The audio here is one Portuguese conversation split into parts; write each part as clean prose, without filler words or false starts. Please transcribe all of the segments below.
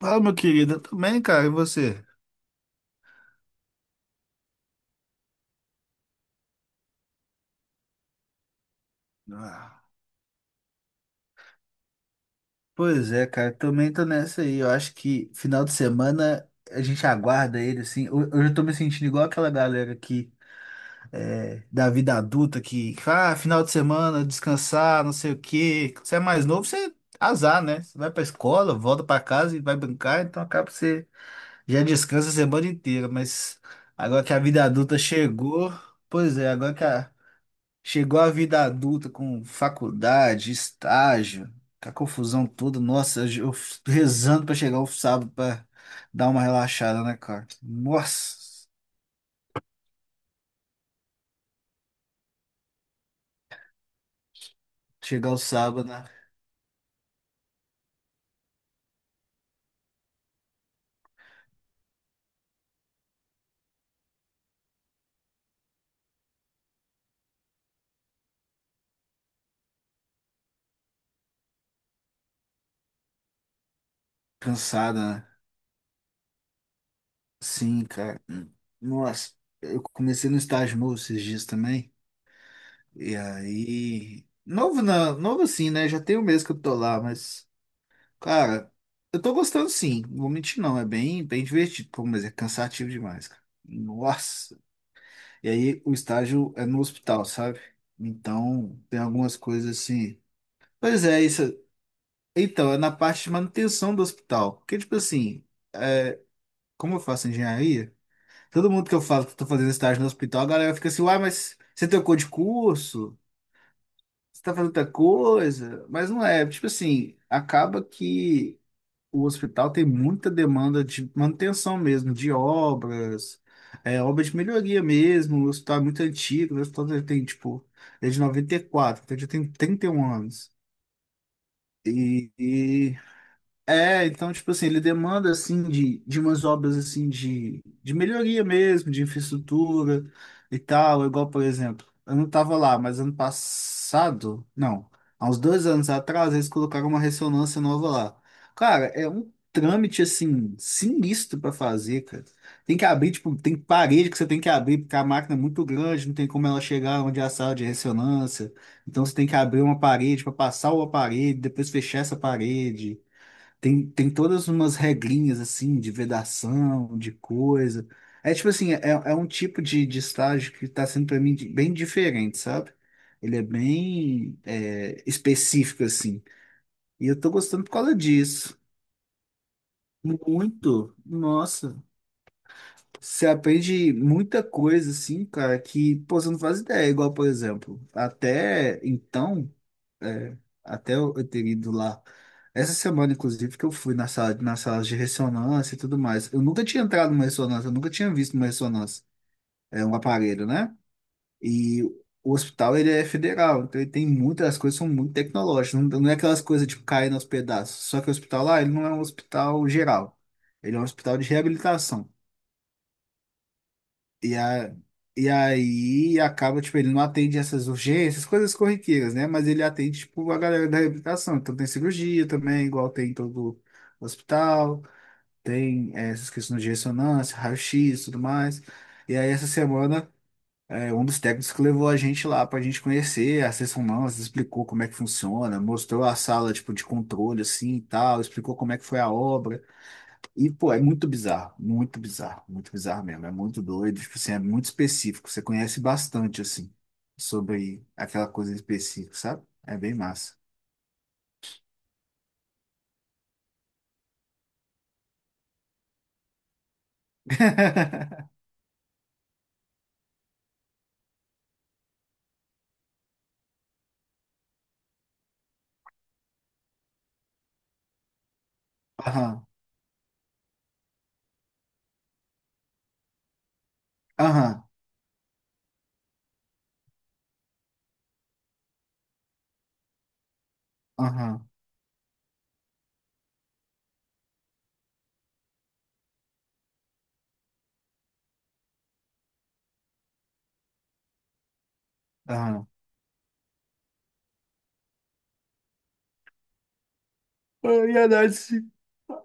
Fala, meu querido, eu também, cara, e você? Ah, pois é, cara, também tô nessa aí. Eu acho que final de semana a gente aguarda ele, assim. Eu já tô me sentindo igual aquela galera que da vida adulta que, ah, final de semana, descansar, não sei o quê. Você é mais novo, você azar, né? Você vai pra escola, volta pra casa e vai brincar, então acaba que você já descansa a semana inteira. Mas agora que a vida adulta chegou, pois é, agora que a Chegou a vida adulta com faculdade, estágio, com a confusão toda. Nossa, eu rezando pra chegar o sábado pra dar uma relaxada, né, cara? Nossa, chegar o sábado, né? Cansada, né? Sim, cara. Nossa, eu comecei no estágio novo esses dias também. E aí. Novo não, novo assim, né? Já tem um mês que eu tô lá, mas, cara, eu tô gostando sim. Não vou mentir, não. É bem, bem divertido, pô, mas é cansativo demais, cara. Nossa. E aí o estágio é no hospital, sabe? Então tem algumas coisas assim. Pois é, isso. Então, é na parte de manutenção do hospital. Porque, tipo assim, como eu faço engenharia, todo mundo que eu falo que eu tô fazendo estágio no hospital, a galera fica assim, uai, mas você trocou de curso? Você tá fazendo outra coisa? Mas não é, tipo assim, acaba que. O hospital tem muita demanda de manutenção mesmo, de obras, obras de melhoria mesmo. O hospital é muito antigo, o hospital já tem, tipo, é de quatro, então já tem 31 anos. E, um anos. E é, então, tipo assim, ele demanda, assim, de umas obras, assim, de melhoria mesmo, de infraestrutura e tal, igual, por exemplo, eu não tava lá, mas ano passado, não, há uns dois anos atrás, eles colocaram uma ressonância nova lá. Cara, é um trâmite, assim, sinistro pra fazer, cara. Tem que abrir, tipo, tem parede que você tem que abrir, porque a máquina é muito grande, não tem como ela chegar onde é a sala de ressonância, então você tem que abrir uma parede para passar o aparelho, depois fechar essa parede. Tem todas umas regrinhas assim de vedação, de coisa. É tipo assim, é um tipo de estágio que está sendo para mim bem diferente, sabe? Ele é bem específico assim. E eu tô gostando por causa disso. Muito. Nossa, você aprende muita coisa assim, cara, que pô, você não faz ideia. Igual, por exemplo, até então. É, até eu ter ido lá. Essa semana, inclusive, que eu fui na sala de ressonância e tudo mais. Eu nunca tinha entrado numa ressonância, eu nunca tinha visto uma ressonância. É um aparelho, né? E o hospital, ele é federal, então ele tem muitas, as coisas são muito tecnológicas. Não, não é aquelas coisas, tipo, caindo aos pedaços. Só que o hospital lá, ele não é um hospital geral. Ele é um hospital de reabilitação. E, a, e aí acaba, tipo, ele não atende essas urgências, coisas corriqueiras, né? Mas ele atende, tipo, a galera da reabilitação. Então tem cirurgia também, igual tem em todo hospital, tem essas questões de ressonância, raio-x e tudo mais. E aí essa semana, um dos técnicos que levou a gente lá pra gente conhecer as ressonâncias, explicou como é que funciona, mostrou a sala, tipo, de controle, assim, e tal, explicou como é que foi a obra. E, pô, é muito bizarro, muito bizarro, muito bizarro mesmo. É muito doido, tipo assim, é muito específico. Você conhece bastante, assim, sobre aquela coisa específica, sabe? É bem massa. Aham, aham, aham, aham. Ah, e análise,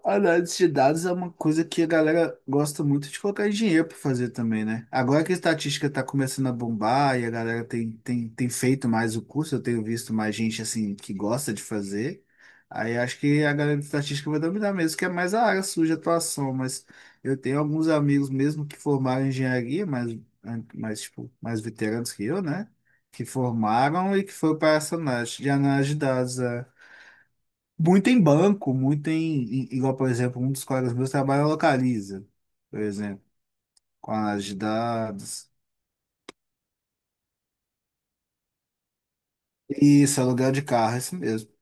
análise de dados é uma coisa que a galera gosta muito de colocar engenheiro para fazer também, né? Agora que a estatística está começando a bombar e a galera tem feito mais o curso, eu tenho visto mais gente assim que gosta de fazer. Aí acho que a galera de estatística vai dominar mesmo, que é mais a área suja, de atuação, mas eu tenho alguns amigos mesmo que formaram em engenharia, mas mais, tipo, mais veteranos que eu, né? Que formaram e que foram para essa análise de dados. É. Muito em banco, muito igual, por exemplo, um dos colegas meus trabalha na Localiza, por exemplo, com análise de dados. Isso, aluguel de carro, é isso mesmo.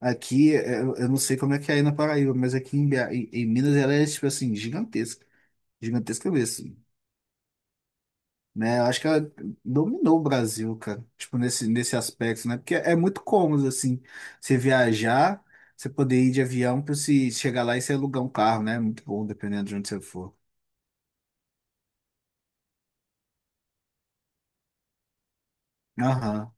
Aqui, eu não sei como é que é aí na Paraíba, mas aqui em BH, em Minas ela é, tipo assim, gigantesca. Gigantesca mesmo, assim, né? Eu acho que ela dominou o Brasil, cara, tipo, nesse aspecto, né? Porque é muito cômodo, assim, você viajar, você poder ir de avião para se chegar lá e você alugar um carro, né? É muito bom, dependendo de onde você for. Aham.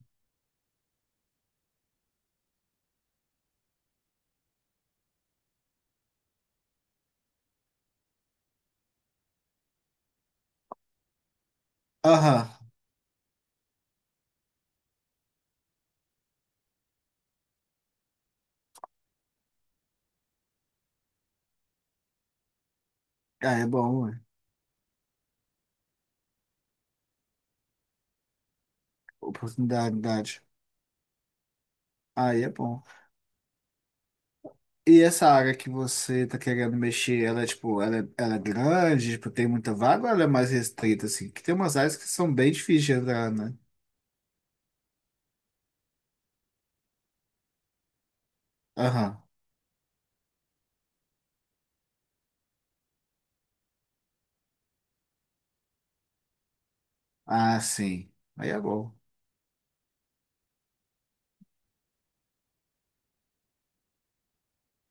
Aham. Ah, é bom, ué. Oportunidade. Idade. Aí é bom. E essa área que você tá querendo mexer, ela é tipo, ela é grande, tipo, tem muita vaga ou ela é mais restrita, assim? Que tem umas áreas que são bem difíceis de entrar, né? Aham. Ah, sim. Aí é bom.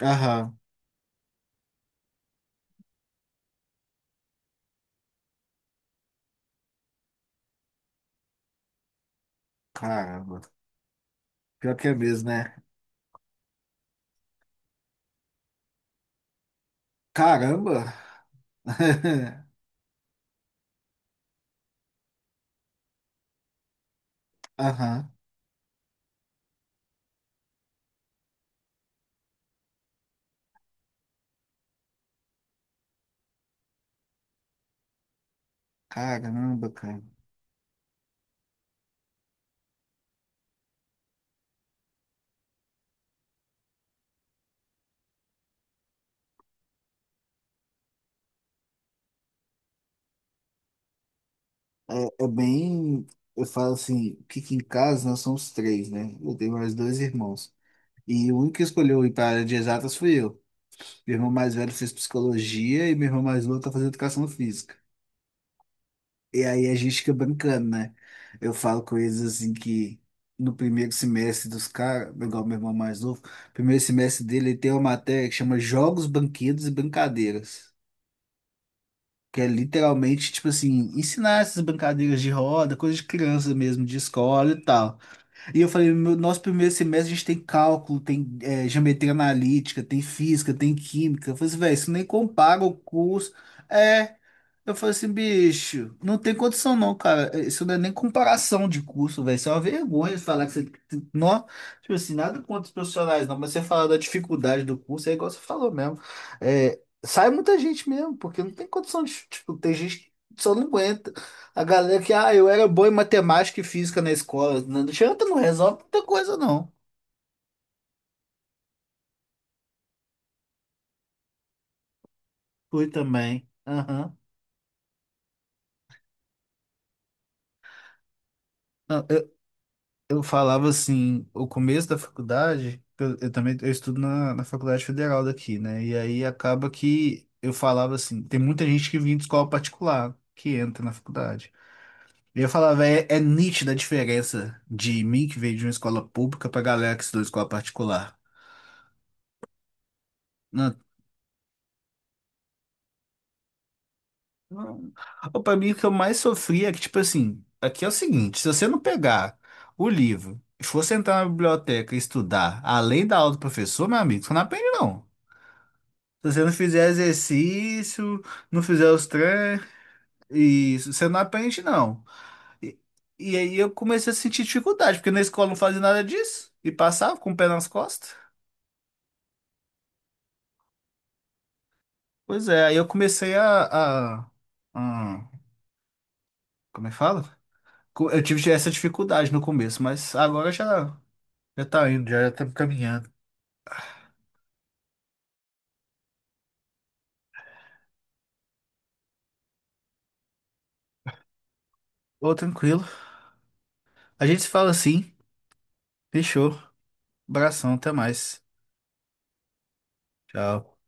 Aham. Caramba. Pior que é mesmo, né? Caramba! Aham. Caramba, cara. É bem. Eu falo assim, que aqui em casa nós somos três, né? Eu tenho mais dois irmãos. E o único que escolheu ir para a área de exatas fui eu. Meu irmão mais velho fez psicologia e meu irmão mais novo tá fazendo educação física. E aí a gente fica brincando, né? Eu falo com eles assim que no primeiro semestre dos caras, igual meu irmão mais novo, primeiro semestre dele ele tem uma matéria que chama Jogos, Banquetes e Brincadeiras. Que é literalmente, tipo assim, ensinar essas brincadeiras de roda, coisa de criança mesmo, de escola e tal. E eu falei, meu, nosso primeiro semestre a gente tem cálculo, tem geometria analítica, tem física, tem química. Eu falei assim, velho, isso nem compara o curso. É, eu falei assim, bicho, não tem condição não, cara. Isso não é nem comparação de curso, velho. Isso é uma vergonha falar que você. Não, tipo assim, nada contra os profissionais, não, mas você falar da dificuldade do curso, é igual você falou mesmo. É, sai muita gente mesmo, porque não tem condição de. Tipo, tem gente que só não aguenta. A galera que, ah, eu era boa em matemática e física na escola. Não adianta, não resolve muita coisa, não. Fui também. Aham. Eu falava assim, o começo da faculdade, que eu também eu estudo na Faculdade Federal daqui, né? E aí acaba que eu falava assim, tem muita gente que vem de escola particular, que entra na faculdade. E eu falava, é nítida a diferença de mim que veio de uma escola pública pra galera que estudou em escola particular. Não, não. Ou pra mim, o que eu mais sofria é que, tipo assim, aqui é o seguinte, se você não pegar o livro e for sentar na biblioteca e estudar, além da aula do professor, meu amigo, você não aprende, não. Se você não fizer exercício, não fizer os treinos, isso, você não aprende, não. E, e aí eu comecei a sentir dificuldade, porque na escola não fazia nada disso, e passava com o pé nas costas. Pois é, aí eu comecei a- como é que fala? Eu tive essa dificuldade no começo, mas agora já, já tá indo, já, já tá caminhando. Ô, tranquilo. A gente se fala assim, fechou. Abração, até mais. Tchau.